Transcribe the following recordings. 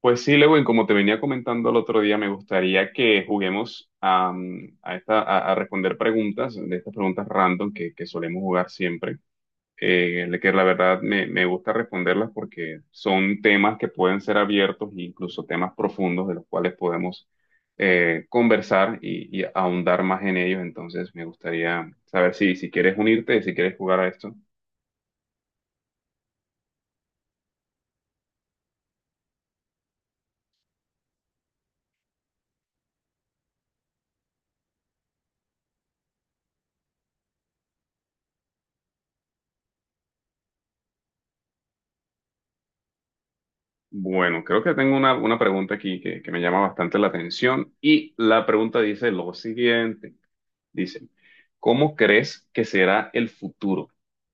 Pues sí, Lewin, como te venía comentando el otro día, me gustaría que juguemos a, mm, a esta, a responder preguntas, de estas preguntas random que solemos jugar siempre, que la verdad me gusta responderlas porque son temas que pueden ser abiertos e incluso temas profundos de los cuales podemos conversar y ahondar más en ellos. Entonces, me gustaría saber si quieres unirte, si quieres jugar a esto. Bueno, creo que tengo una pregunta aquí que me llama bastante la atención y la pregunta dice lo siguiente. Dice, ¿cómo crees que será el futuro?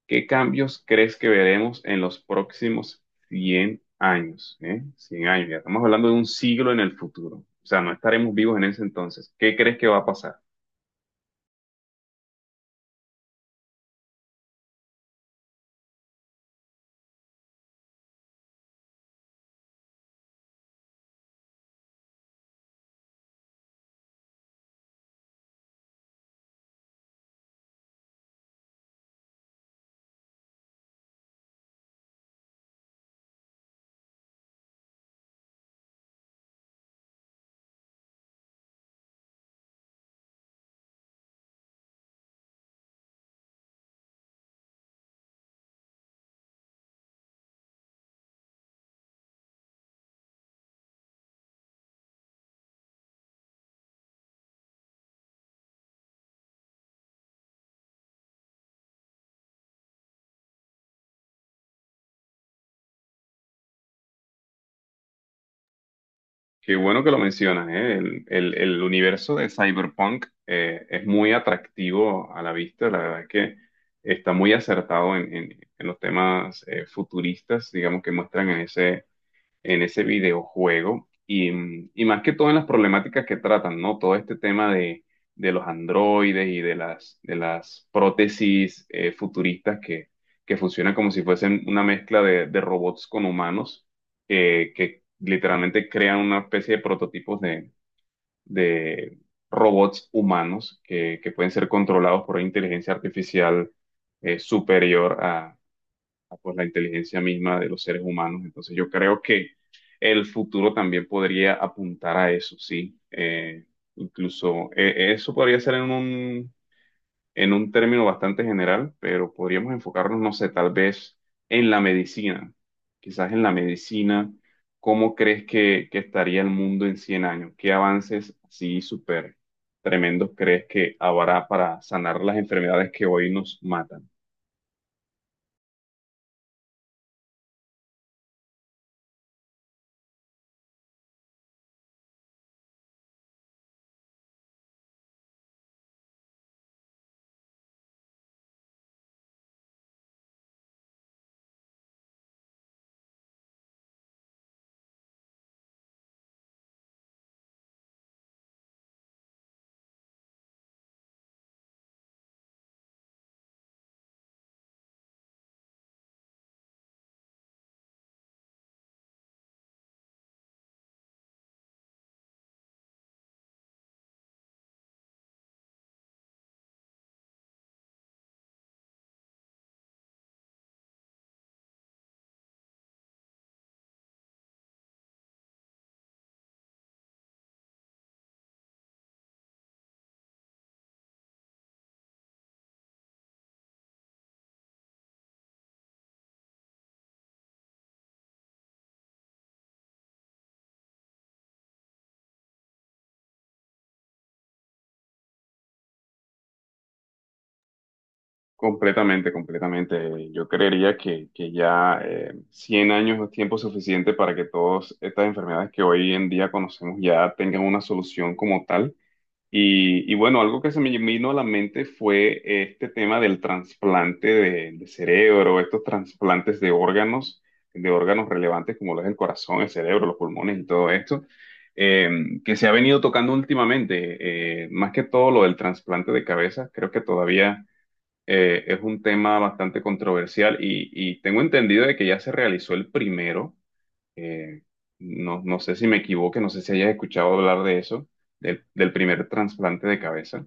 ¿Qué cambios crees que veremos en los próximos 100 años? 100 años, ya estamos hablando de un siglo en el futuro. O sea, no estaremos vivos en ese entonces. ¿Qué crees que va a pasar? Qué bueno que lo mencionas, ¿eh? El universo de Cyberpunk es muy atractivo a la vista, la verdad es que está muy acertado en los temas futuristas, digamos, que muestran en ese videojuego y más que todo en las problemáticas que tratan, ¿no? Todo este tema de los androides y de las prótesis futuristas que funcionan como si fuesen una mezcla de robots con humanos, que literalmente crean una especie de prototipos de robots humanos que pueden ser controlados por una inteligencia artificial superior a, pues la inteligencia misma de los seres humanos. Entonces yo creo que el futuro también podría apuntar a eso, sí. Incluso eso podría ser en un término bastante general, pero podríamos enfocarnos, no sé, tal vez en la medicina. Quizás en la medicina, ¿cómo crees que estaría el mundo en 100 años? ¿Qué avances así súper tremendos crees que habrá para sanar las enfermedades que hoy nos matan? Completamente, completamente. Yo creería que ya 100 años es tiempo suficiente para que todas estas enfermedades que hoy en día conocemos ya tengan una solución como tal. Y bueno, algo que se me vino a la mente fue este tema del trasplante de cerebro, estos trasplantes de órganos relevantes como lo es el corazón, el cerebro, los pulmones y todo esto, eh, que se ha venido tocando últimamente. Más que todo lo del trasplante de cabeza, creo que todavía es un tema bastante controversial y tengo entendido de que ya se realizó el primero. Eh, no sé si me equivoque, no sé si hayas escuchado hablar de eso, del primer trasplante de cabeza.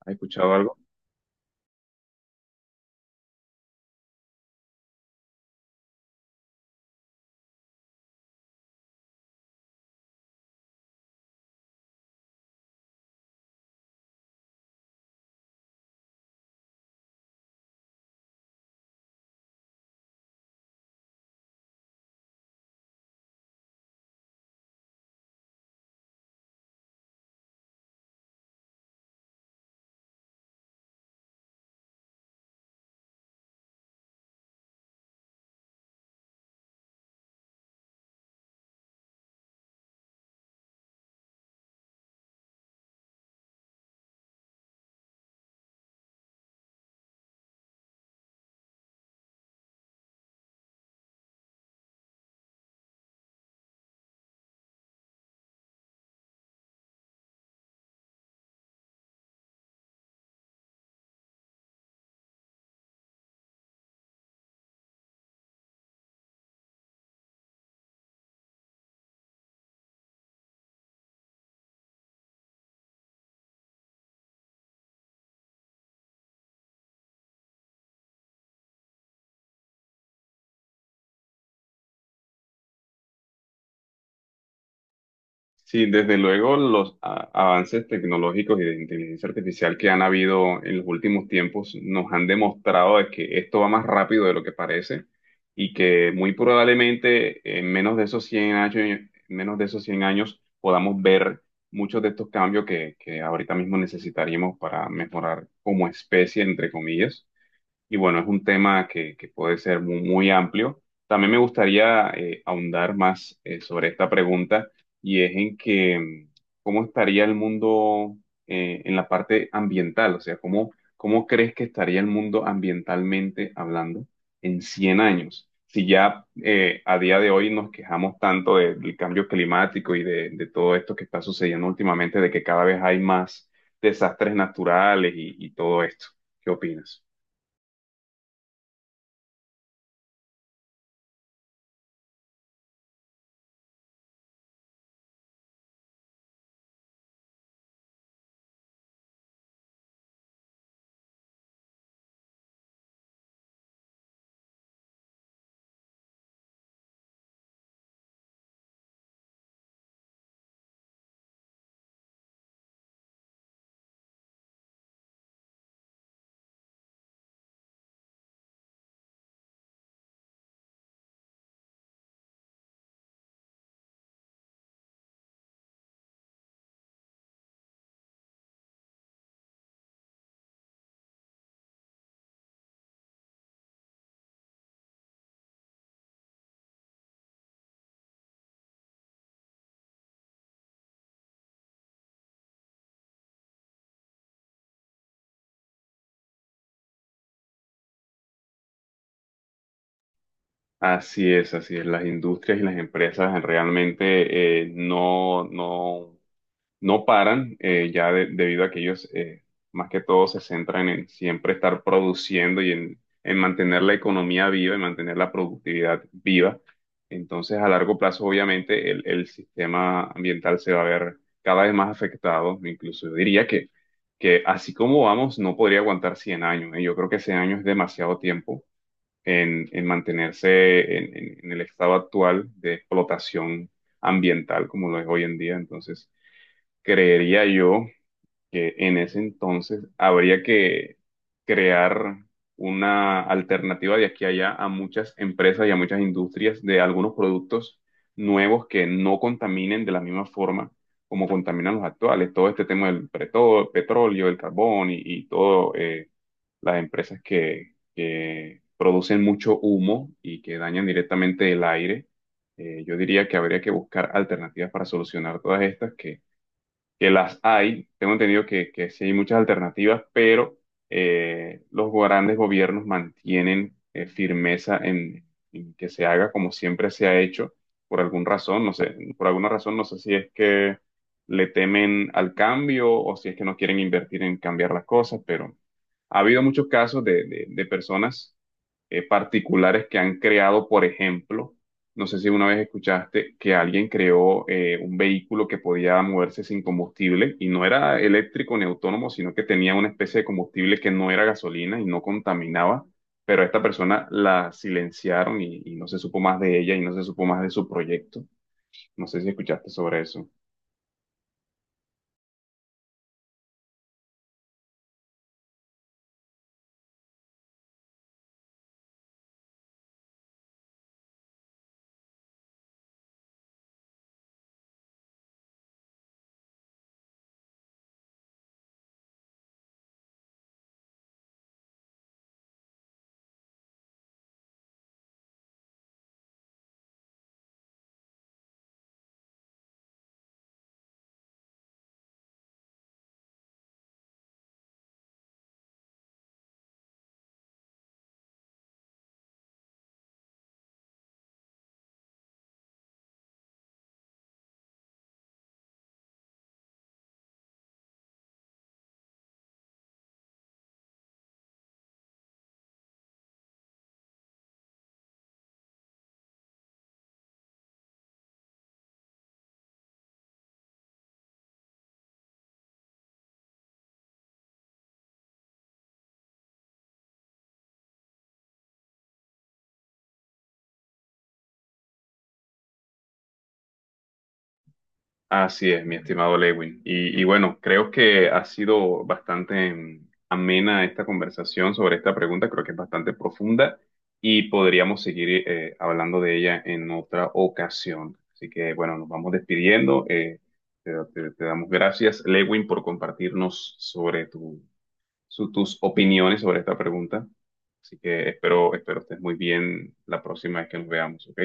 ¿Has escuchado algo? Sí, desde luego los avances tecnológicos y de inteligencia artificial que han habido en los últimos tiempos nos han demostrado de que esto va más rápido de lo que parece y que muy probablemente en menos de esos 100 años, menos de esos 100 años podamos ver muchos de estos cambios que ahorita mismo necesitaríamos para mejorar como especie, entre comillas. Y bueno, es un tema que puede ser muy amplio. También me gustaría ahondar más sobre esta pregunta y es en que cómo estaría el mundo en la parte ambiental, o sea, cómo crees que estaría el mundo ambientalmente hablando en 100 años. Si ya a día de hoy nos quejamos tanto del cambio climático y de todo esto que está sucediendo últimamente, de que cada vez hay más desastres naturales y todo esto. ¿Qué opinas? Así es, así es. Las industrias y las empresas realmente no paran, ya debido a que ellos más que todo se centran en siempre estar produciendo y en mantener la economía viva y mantener la productividad viva. Entonces, a largo plazo, obviamente, el sistema ambiental se va a ver cada vez más afectado. Incluso yo diría que así como vamos, no podría aguantar 100 años, ¿eh? Yo creo que 100 años es demasiado tiempo en mantenerse en el estado actual de explotación ambiental como lo es hoy en día. Entonces, creería yo que en ese entonces habría que crear una alternativa de aquí a allá a muchas empresas y a muchas industrias de algunos productos nuevos que no contaminen de la misma forma como contaminan los actuales. Todo este tema del petróleo, el carbón y todo. Las empresas que producen mucho humo y que dañan directamente el aire. Yo diría que habría que buscar alternativas para solucionar todas estas, que las hay. Tengo entendido que sí hay muchas alternativas, pero los grandes gobiernos mantienen firmeza en que se haga como siempre se ha hecho, por alguna razón, no sé, por alguna razón, no sé si es que le temen al cambio o si es que no quieren invertir en cambiar las cosas, pero ha habido muchos casos de, de personas particulares que han creado, por ejemplo, no sé si una vez escuchaste que alguien creó un vehículo que podía moverse sin combustible y no era eléctrico ni autónomo, sino que tenía una especie de combustible que no era gasolina y no contaminaba, pero a esta persona la silenciaron y no se supo más de ella y no se supo más de su proyecto. No sé si escuchaste sobre eso. Así es, mi estimado Lewin. Y bueno, creo que ha sido bastante amena esta conversación sobre esta pregunta, creo que es bastante profunda y podríamos seguir hablando de ella en otra ocasión. Así que bueno, nos vamos despidiendo. Te damos gracias, Lewin, por compartirnos sobre tus opiniones sobre esta pregunta. Así que espero estés muy bien la próxima vez que nos veamos, ¿ok?